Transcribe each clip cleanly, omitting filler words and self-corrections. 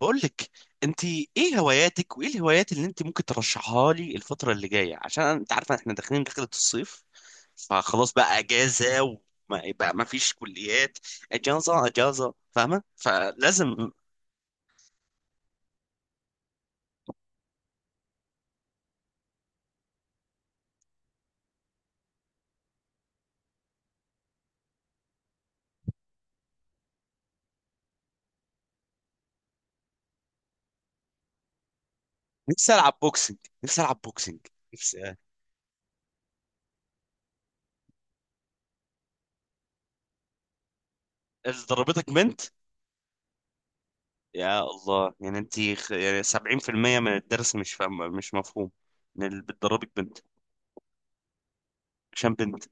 بقول لك، انت ايه هواياتك وايه الهوايات اللي انت ممكن ترشحها لي الفتره اللي جايه؟ عشان انت عارفه احنا داخلين دخلة الصيف، فخلاص بقى اجازه، وما بقى ما فيش كليات. اجازه اجازه فاهمه، فلازم. نفسي العب بوكسنج نفسي العب بوكسنج. نفسي. اللي ضربتك بنت؟ يا الله، يعني 70% من الدرس مش فاهم، مش مفهوم، من اللي بتضربك بنت؟ عشان بنت.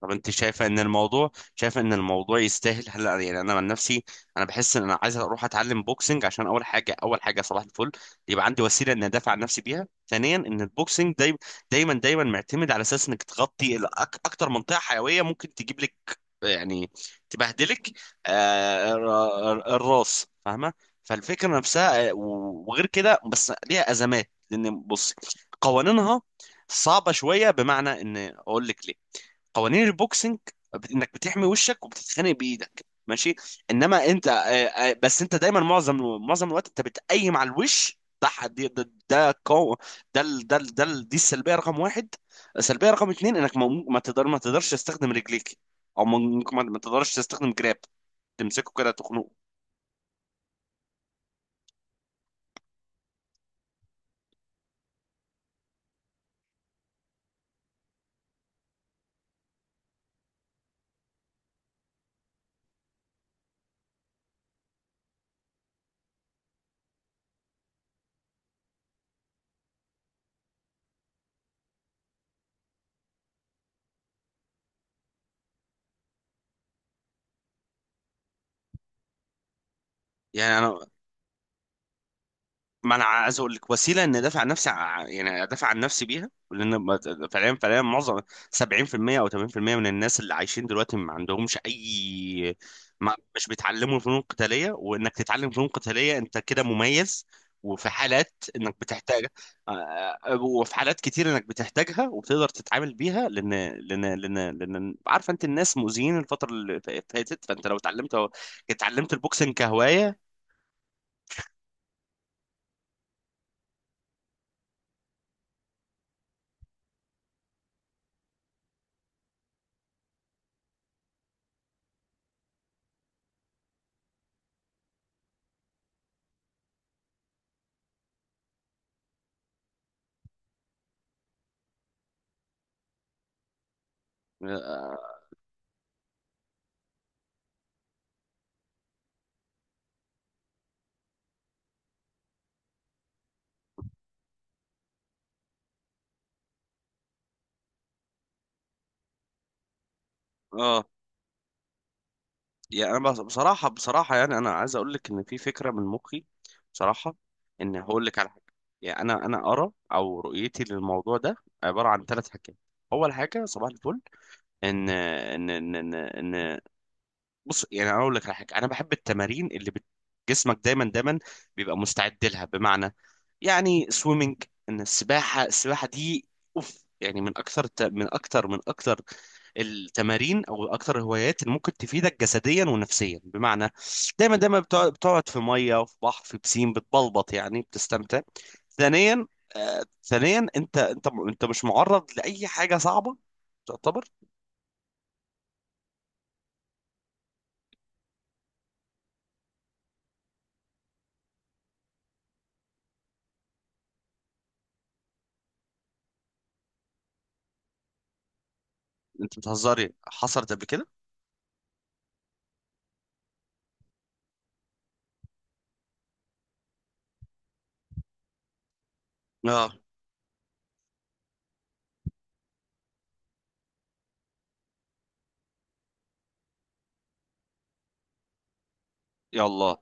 طب انت شايفه ان الموضوع، شايفه ان الموضوع يستاهل هلا؟ يعني انا عن نفسي، انا بحس ان انا عايز اروح اتعلم بوكسنج، عشان اول حاجه، اول حاجه صباح الفل، يبقى عندي وسيله ان ادافع عن نفسي بيها. ثانيا، ان البوكسنج دايما معتمد على اساس انك تغطي اكتر منطقه حيويه ممكن تجيب لك، يعني، تبهدلك. آه، الراس، فاهمه؟ فالفكره نفسها، آه، وغير كده بس ليها ازمات، لان بص، قوانينها صعبه شويه. بمعنى ان اقول لك ليه، قوانين البوكسنج انك بتحمي وشك وبتتخانق بايدك، ماشي؟ انما انت آه، آه، بس انت دايما معظم، معظم الوقت انت بتقيم على الوش ده. حد- ده ده قو- ده ال- ده ال- ده ال- دي السلبيه رقم واحد. السلبيه رقم اتنين، انك ما تقدرش تستخدم رجليك، او ممكن ما تقدرش تستخدم جراب، تمسكه كده تخنقه. يعني ما انا عايز اقول لك وسيله ان ادافع عن نفسي، يعني ادافع عن نفسي بيها، لان فعليا، فعليا معظم، 70% او 80% من الناس اللي عايشين دلوقتي ما عندهمش اي، ما مش بيتعلموا فنون قتاليه، وانك تتعلم فنون قتاليه انت كده مميز، وفي حالات انك بتحتاجها. آه، آه، آه، وفي حالات كتير انك بتحتاجها وبتقدر تتعامل بيها، لان عارفه انت الناس مؤذيين الفتره اللي فاتت، فانت لو اتعلمت البوكسنج كهوايه. اه، آه، يعني انا بصراحه، بصراحه يعني انا عايز اقول لك ان في فكره من مخي بصراحه، ان هقول لك على حاجه. يعني انا، انا ارى او رؤيتي للموضوع ده عباره عن ثلاث حاجات. اول حاجه صباح الفل، ان ان ان ان, إن بص، يعني انا اقول لك على حاجه، انا بحب التمارين اللي جسمك دايما دايما بيبقى مستعد لها، بمعنى، يعني سويمنج، ان السباحه، السباحه دي اوف، يعني من اكثر التمارين، او اكثر الهوايات اللي ممكن تفيدك جسديا ونفسيا، بمعنى دايما دايما بتقعد في ميه، وفي بحر، في بسين، بتبلبط، يعني بتستمتع. ثانيا، آه ثانيا، انت مش معرض لاي حاجه صعبه تعتبر. انت بتهزري، حصلت قبل كده؟ اه، يلا.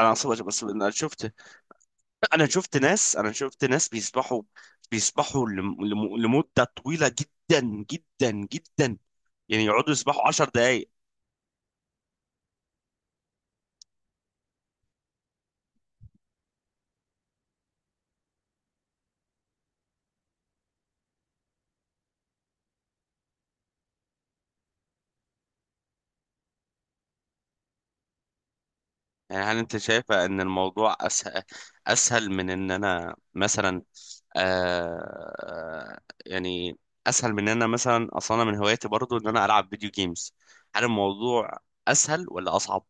انا اصلا انا شفت، انا شفت ناس بيسبحوا، بيسبحوا لمدة طويلة جدا جدا جدا، يعني يقعدوا يسبحوا عشر دقايق. يعني هل انت شايفة ان الموضوع اسهل، اسهل من ان انا مثلا، آه، يعني، اسهل من ان انا مثلا؟ اصلا أنا من هواياتي برضو ان انا العب فيديو جيمز. هل الموضوع اسهل ولا اصعب؟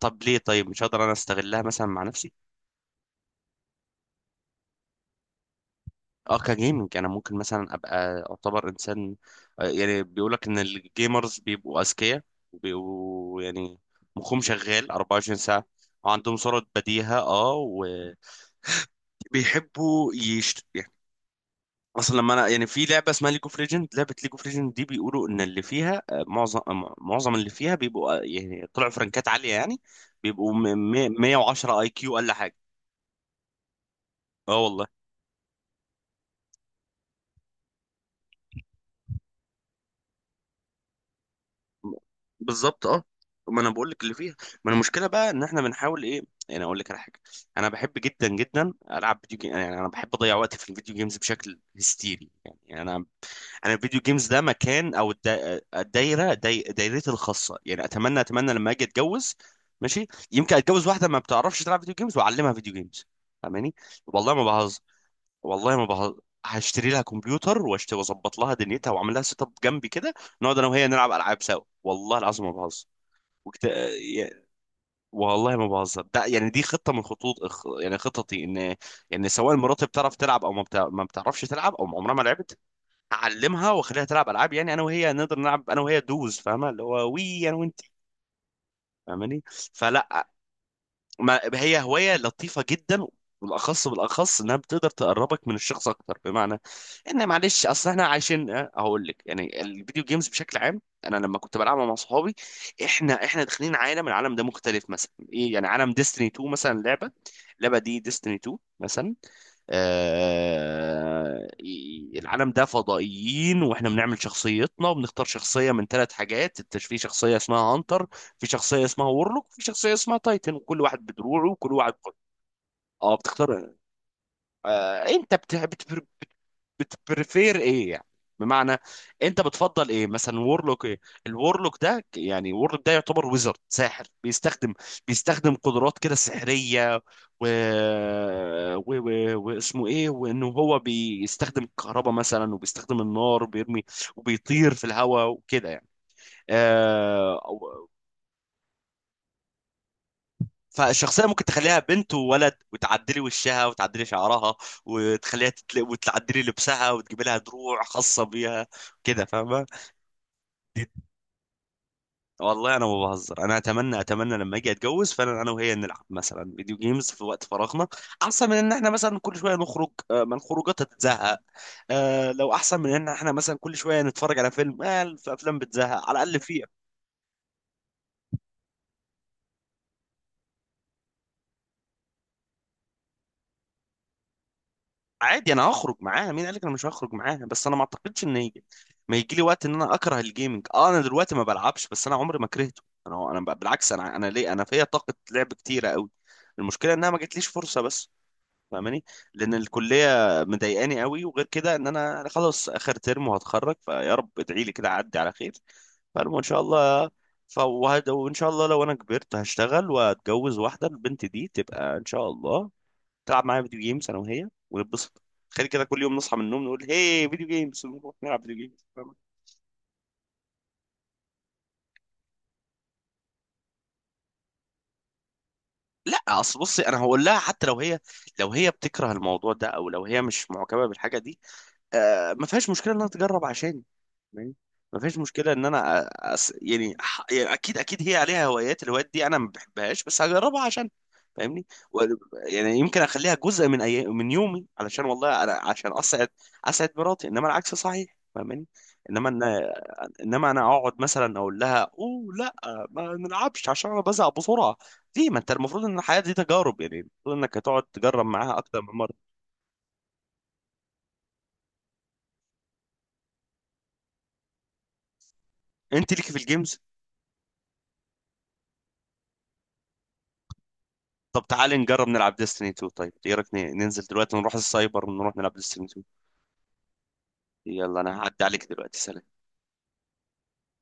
طب ليه؟ طيب مش هقدر انا استغلها مثلا مع نفسي؟ اه، كجيمنج. انا ممكن مثلا ابقى اعتبر انسان، آه، يعني بيقولك ان الجيمرز بيبقوا اذكياء وبيبقوا يعني مخهم شغال 24 ساعه، وعندهم سرعه بديهه، اه، وبيحبوا يشت، يعني، اصلا لما انا يعني، في لعبه اسمها ليج اوف ليجند. لعبه ليج اوف ليجند دي بيقولوا ان اللي فيها، آه، معظم آه، معظم اللي فيها بيبقوا، آه، يعني طلعوا فرنكات عاليه، يعني بيبقوا 110 اي كيو اقل حاجه. اه والله. بالظبط، اه. ما انا بقول لك اللي فيها، ما انا المشكله بقى ان احنا بنحاول ايه، يعني اقول لك على حاجه، انا بحب جدا جدا العب فيديو جيم. يعني انا بحب اضيع وقتي في الفيديو جيمز بشكل هستيري، يعني انا، انا الفيديو جيمز ده مكان، او الدايره، دايرتي الخاصه. يعني اتمنى اتمنى لما اجي اتجوز، ماشي، يمكن اتجوز واحده ما بتعرفش تلعب فيديو جيمز، واعلمها فيديو جيمز، فاهماني؟ والله ما بهزر. والله ما بهزر. هشتري لها كمبيوتر، واظبط لها دنيتها، واعمل لها سيت اب جنبي كده، نقعد انا وهي نلعب العاب سوا. والله العظيم ما بهزر. وكت... يا- والله ما بهزر. ده يعني دي خطه من خطوط يعني خططي، ان، يعني سواء مراتي بتعرف تلعب او ما بتعرفش تلعب، او عمرها ما لعبت، هعلمها واخليها تلعب العاب، يعني انا وهي نقدر نلعب انا وهي دوز، فاهمه اللي هو وي، انا وانت، فاهماني؟ فلا، ما هي هواية لطيفة جدا. بالأخص، بالأخص إنها بتقدر تقربك من الشخص أكتر. بمعنى إن، معلش أصل إحنا عايشين، أه، هقول لك يعني الفيديو جيمز بشكل عام، أنا لما كنت بلعبها مع صحابي، إحنا داخلين عالم، العالم ده مختلف، مثلا إيه، يعني عالم ديستني 2 مثلا، لعبة، اللعبة دي ديستني 2 مثلا، آه، العالم ده فضائيين، واحنا بنعمل شخصيتنا، وبنختار شخصية من ثلاث حاجات. انت في شخصية اسمها هانتر، في شخصية اسمها وورلوك، وفي شخصية اسمها تايتن، وكل واحد بدروعه وكل واحد بقوته. اه بتختار. آه، انت بتبريفير ايه يعني، بمعنى، انت بتفضل ايه؟ مثلا وورلوك، ايه الورلوك ده؟ يعني وورلوك ده يعتبر ويزرد، ساحر، بيستخدم قدرات كده سحرية، و... واسمه ايه، وانه هو بيستخدم الكهرباء مثلا، وبيستخدم النار، وبيرمي، وبيطير في الهواء، وكده يعني، آه... أو- فالشخصية ممكن تخليها بنت وولد، وتعدلي وشها، وتعدلي شعرها، وتعدلي لبسها، وتجيب لها دروع خاصة بيها، كده فاهم؟ والله انا ما بهزر، انا اتمنى اتمنى لما اجي اتجوز فعلا انا وهي نلعب مثلا فيديو جيمز في وقت فراغنا، احسن من ان احنا مثلا كل شويه نخرج، آه، ما الخروجات هتزهق، آه، لو احسن من ان احنا مثلا كل شويه نتفرج على فيلم، آه، في افلام بتزهق على الاقل فيها. عادي انا هخرج معاها، مين قالك انا مش هخرج معاها؟ بس انا ما اعتقدش ان هيجي، ما يجي لي وقت ان انا اكره الجيمنج. اه انا دلوقتي ما بلعبش، بس انا عمري ما كرهته، انا، انا بالعكس، انا ليه، انا فيا طاقه لعب كتيره قوي، المشكله انها ما جاتليش فرصه بس، فاهماني؟ لان الكليه مضايقاني قوي، وغير كده ان انا، أنا خلاص اخر ترم، وهتخرج فيا رب، ادعي لي كده اعدي على خير، فالمهم ان شاء الله. ف وان شاء الله لو انا كبرت هشتغل واتجوز واحده، البنت دي تبقى ان شاء الله تلعب معايا فيديو جيمز، انا وهي ونتبسط، تخيل كده كل يوم نصحى من النوم نقول هي فيديو جيمز ونروح نلعب فيديو جيمز، فاهمة؟ لا اصل بصي، انا هقول لها حتى لو هي، لو هي بتكره الموضوع ده او لو هي مش معجبه بالحاجه دي، آه ما فيهاش مشكله انها تجرب عشاني، ما فيش مشكله ان انا يعني يعني اكيد اكيد هي عليها هوايات، الهوايات دي انا ما بحبهاش بس هجربها عشان، فاهمني؟ و... يعني يمكن اخليها جزء من من يومي، علشان والله انا عشان اسعد، اسعد مراتي، انما العكس صحيح فاهماني؟ انما ان انما انا اقعد مثلا اقول لها اوه لا، ما نلعبش عشان انا بزهق بسرعه، ليه؟ ما انت المفروض ان الحياه دي تجارب، يعني المفروض انك هتقعد تجرب معاها اكتر من مره. انت ليكي في الجيمز؟ طب تعالي نجرب نلعب ديستني 2. طيب ايه رايك ننزل دلوقتي نروح السايبر ونروح نلعب ديستني 2؟ يلا، انا هعدي عليك دلوقتي، سلام.